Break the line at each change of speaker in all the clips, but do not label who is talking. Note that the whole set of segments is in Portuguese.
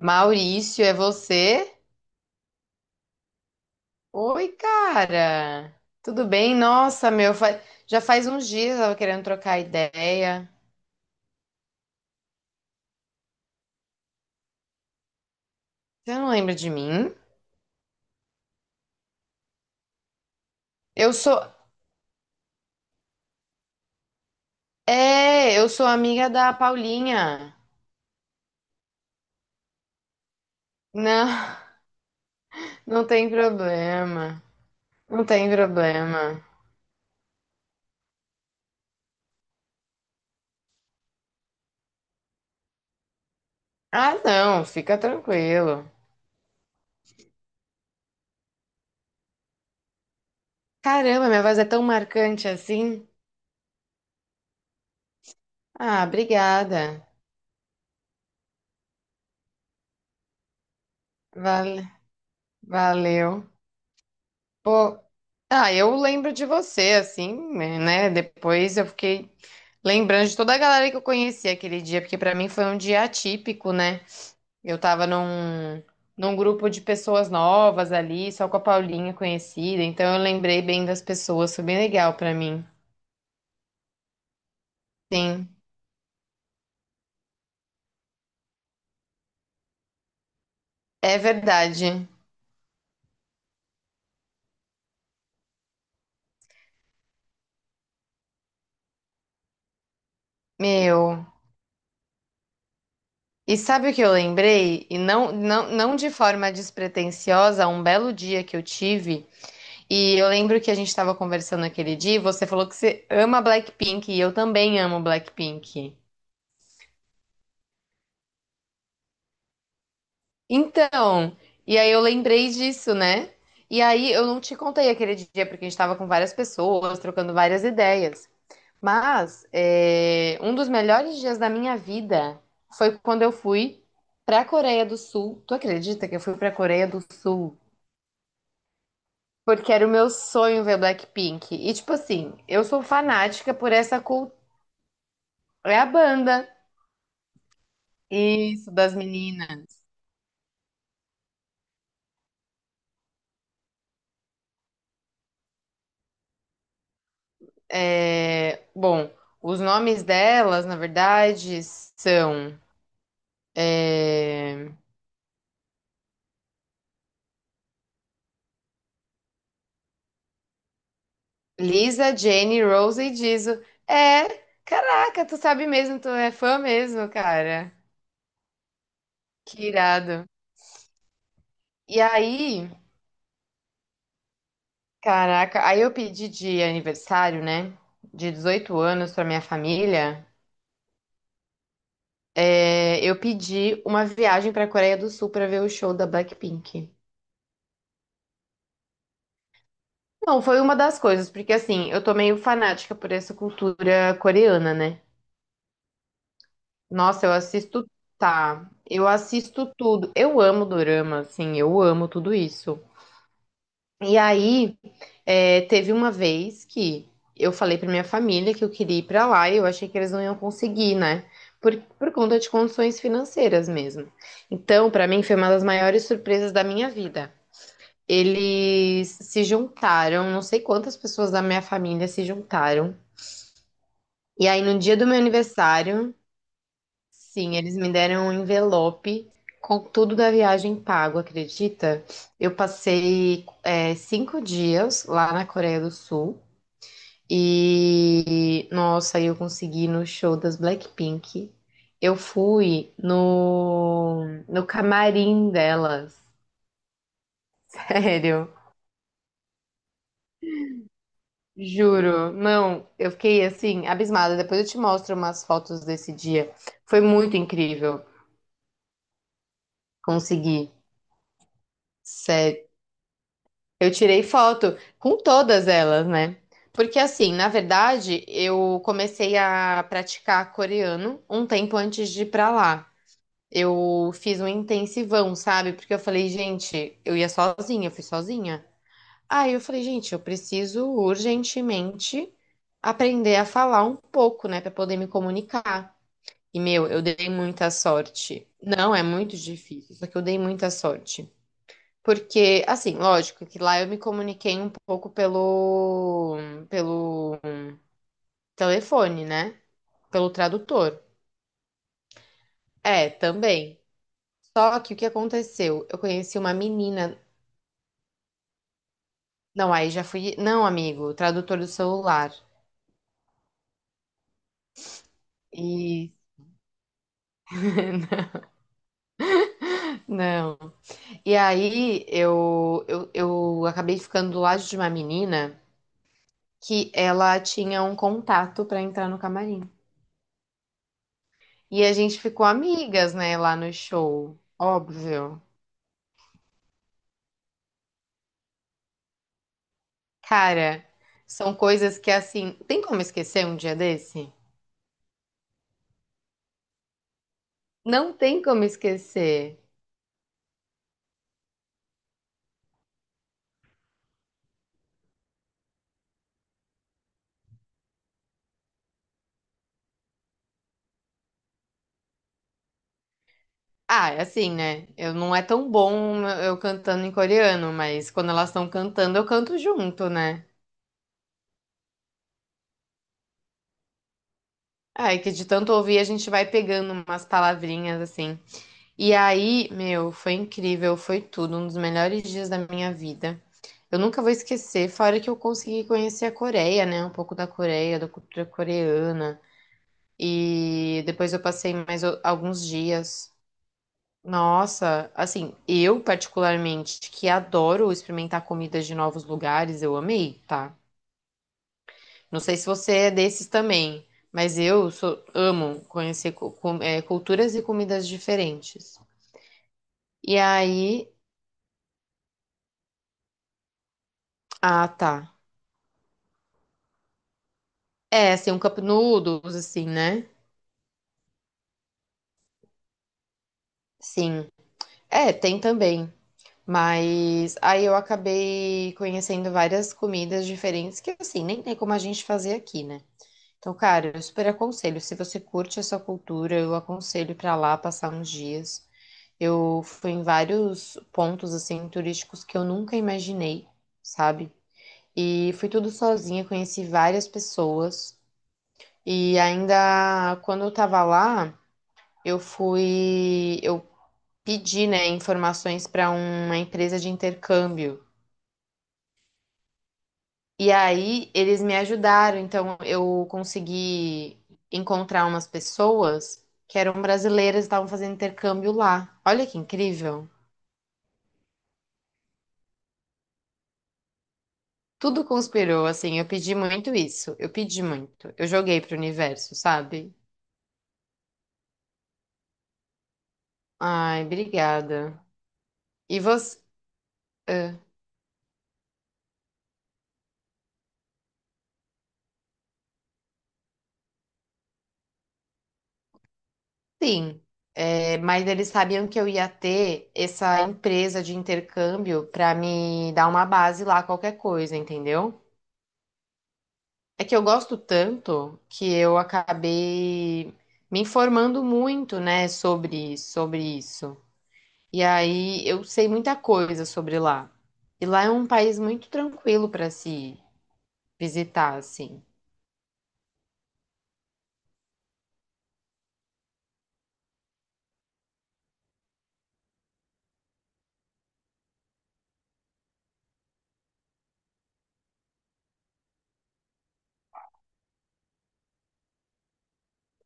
Maurício, é você? Oi, cara. Tudo bem? Nossa, meu, já faz uns dias eu tava querendo trocar ideia. Você não lembra de mim? Eu sou, eu sou amiga da Paulinha. Não, não tem problema. Não tem problema. Ah, não, fica tranquilo. Caramba, minha voz é tão marcante assim. Ah, obrigada. Vale, valeu. Pô, eu lembro de você, assim, né? Depois eu fiquei lembrando de toda a galera que eu conheci aquele dia, porque pra mim foi um dia atípico, né? Eu tava num, num grupo de pessoas novas ali, só com a Paulinha conhecida, então eu lembrei bem das pessoas, foi bem legal pra mim. Sim, é verdade. Meu, e sabe o que eu lembrei? E não, não, não de forma despretensiosa, um belo dia que eu tive. E eu lembro que a gente estava conversando aquele dia, e você falou que você ama Blackpink e eu também amo Blackpink. Então, e aí eu lembrei disso, né? E aí eu não te contei aquele dia porque a gente estava com várias pessoas, trocando várias ideias. Mas um dos melhores dias da minha vida foi quando eu fui para a Coreia do Sul. Tu acredita que eu fui para a Coreia do Sul? Porque era o meu sonho ver Blackpink. E tipo assim, eu sou fanática por essa cultura. É a banda. Isso, das meninas. É, bom, os nomes delas, na verdade, são é, Lisa, Jenny, Rose e Jisoo. É, caraca, tu sabe mesmo, tu é fã mesmo, cara. Que irado. E aí, caraca, aí eu pedi de aniversário, né? De 18 anos pra minha família, eu pedi uma viagem pra Coreia do Sul pra ver o show da Blackpink. Não, foi uma das coisas, porque assim, eu tô meio fanática por essa cultura coreana, né? Nossa, eu assisto, tá, eu assisto tudo. Eu amo dorama, assim, eu amo tudo isso. E aí, teve uma vez que eu falei pra minha família que eu queria ir pra lá e eu achei que eles não iam conseguir, né? Por conta de condições financeiras mesmo. Então, pra mim, foi uma das maiores surpresas da minha vida. Eles se juntaram, não sei quantas pessoas da minha família se juntaram. E aí, no dia do meu aniversário, sim, eles me deram um envelope com tudo da viagem pago, acredita? Eu passei 5 dias lá na Coreia do Sul e, nossa, aí eu consegui ir no show das Blackpink. Eu fui no camarim delas, sério. Juro, não, eu fiquei assim, abismada. Depois eu te mostro umas fotos desse dia. Foi muito incrível conseguir. Sério. Eu tirei foto com todas elas, né? Porque assim, na verdade, eu comecei a praticar coreano um tempo antes de ir pra lá. Eu fiz um intensivão, sabe? Porque eu falei, gente, eu ia sozinha, eu fui sozinha. Aí eu falei, gente, eu preciso urgentemente aprender a falar um pouco, né, pra poder me comunicar. E meu, eu dei muita sorte. Não, é muito difícil, só que eu dei muita sorte. Porque, assim, lógico que lá eu me comuniquei um pouco pelo telefone, né? Pelo tradutor. É, também. Só que o que aconteceu? Eu conheci uma menina. Não, aí já fui. Não, amigo, tradutor do celular. E não. E aí eu acabei ficando do lado de uma menina que ela tinha um contato pra entrar no camarim. E a gente ficou amigas, né, lá no show. Óbvio. Cara, são coisas que assim, tem como esquecer um dia desse? Não tem como esquecer. Ah, é assim, né? Eu não é tão bom eu cantando em coreano, mas quando elas estão cantando, eu canto junto, né? Ai, que de tanto ouvir a gente vai pegando umas palavrinhas assim. E aí, meu, foi incrível, foi tudo, um dos melhores dias da minha vida. Eu nunca vou esquecer, fora que eu consegui conhecer a Coreia, né? Um pouco da Coreia, da cultura coreana. E depois eu passei alguns dias. Nossa, assim, eu particularmente que adoro experimentar comidas de novos lugares, eu amei, tá? Não sei se você é desses também, mas amo conhecer culturas e comidas diferentes. E aí, ah, tá. É, assim, um cup noodles, assim, né? Sim. É, tem também. Mas aí eu acabei conhecendo várias comidas diferentes que, assim, nem tem como a gente fazer aqui, né? Então, cara, eu super aconselho. Se você curte essa cultura, eu aconselho pra lá passar uns dias. Eu fui em vários pontos, assim, turísticos que eu nunca imaginei, sabe? E fui tudo sozinha, conheci várias pessoas. E ainda quando eu tava lá, eu fui. Eu pedi, né, informações para uma empresa de intercâmbio. E aí eles me ajudaram, então eu consegui encontrar umas pessoas que eram brasileiras e estavam fazendo intercâmbio lá. Olha que incrível. Tudo conspirou, assim, eu pedi muito isso, eu pedi muito. Eu joguei pro universo, sabe? Ai, obrigada. E você? Ah, sim. É, mas eles sabiam que eu ia ter essa empresa de intercâmbio para me dar uma base lá, qualquer coisa, entendeu? É que eu gosto tanto que eu acabei me informando muito, né, sobre isso. E aí eu sei muita coisa sobre lá. E lá é um país muito tranquilo para se visitar, assim.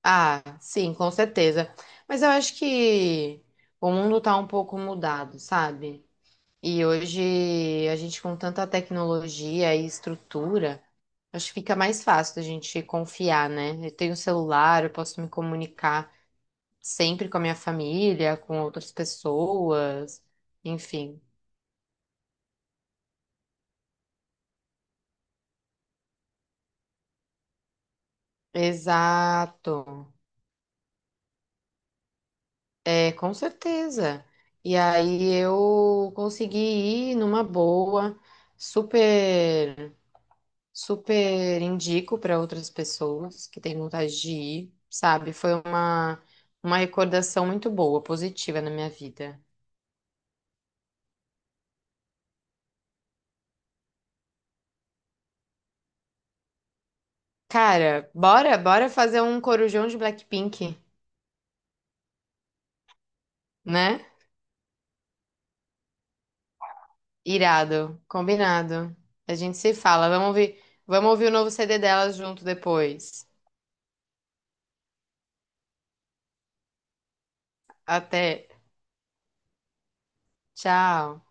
Ah, sim, com certeza. Mas eu acho que o mundo tá um pouco mudado, sabe? E hoje a gente com tanta tecnologia e estrutura, acho que fica mais fácil da gente confiar, né? Eu tenho um celular, eu posso me comunicar sempre com a minha família, com outras pessoas, enfim. Exato. É, com certeza. E aí eu consegui ir numa boa, super. Super indico para outras pessoas que têm vontade de ir, sabe? Foi uma recordação muito boa, positiva na minha vida. Cara, bora fazer um corujão de Blackpink, né? Irado, combinado. A gente se fala. Vamos ouvir o novo CD delas junto depois. Até. Tchau.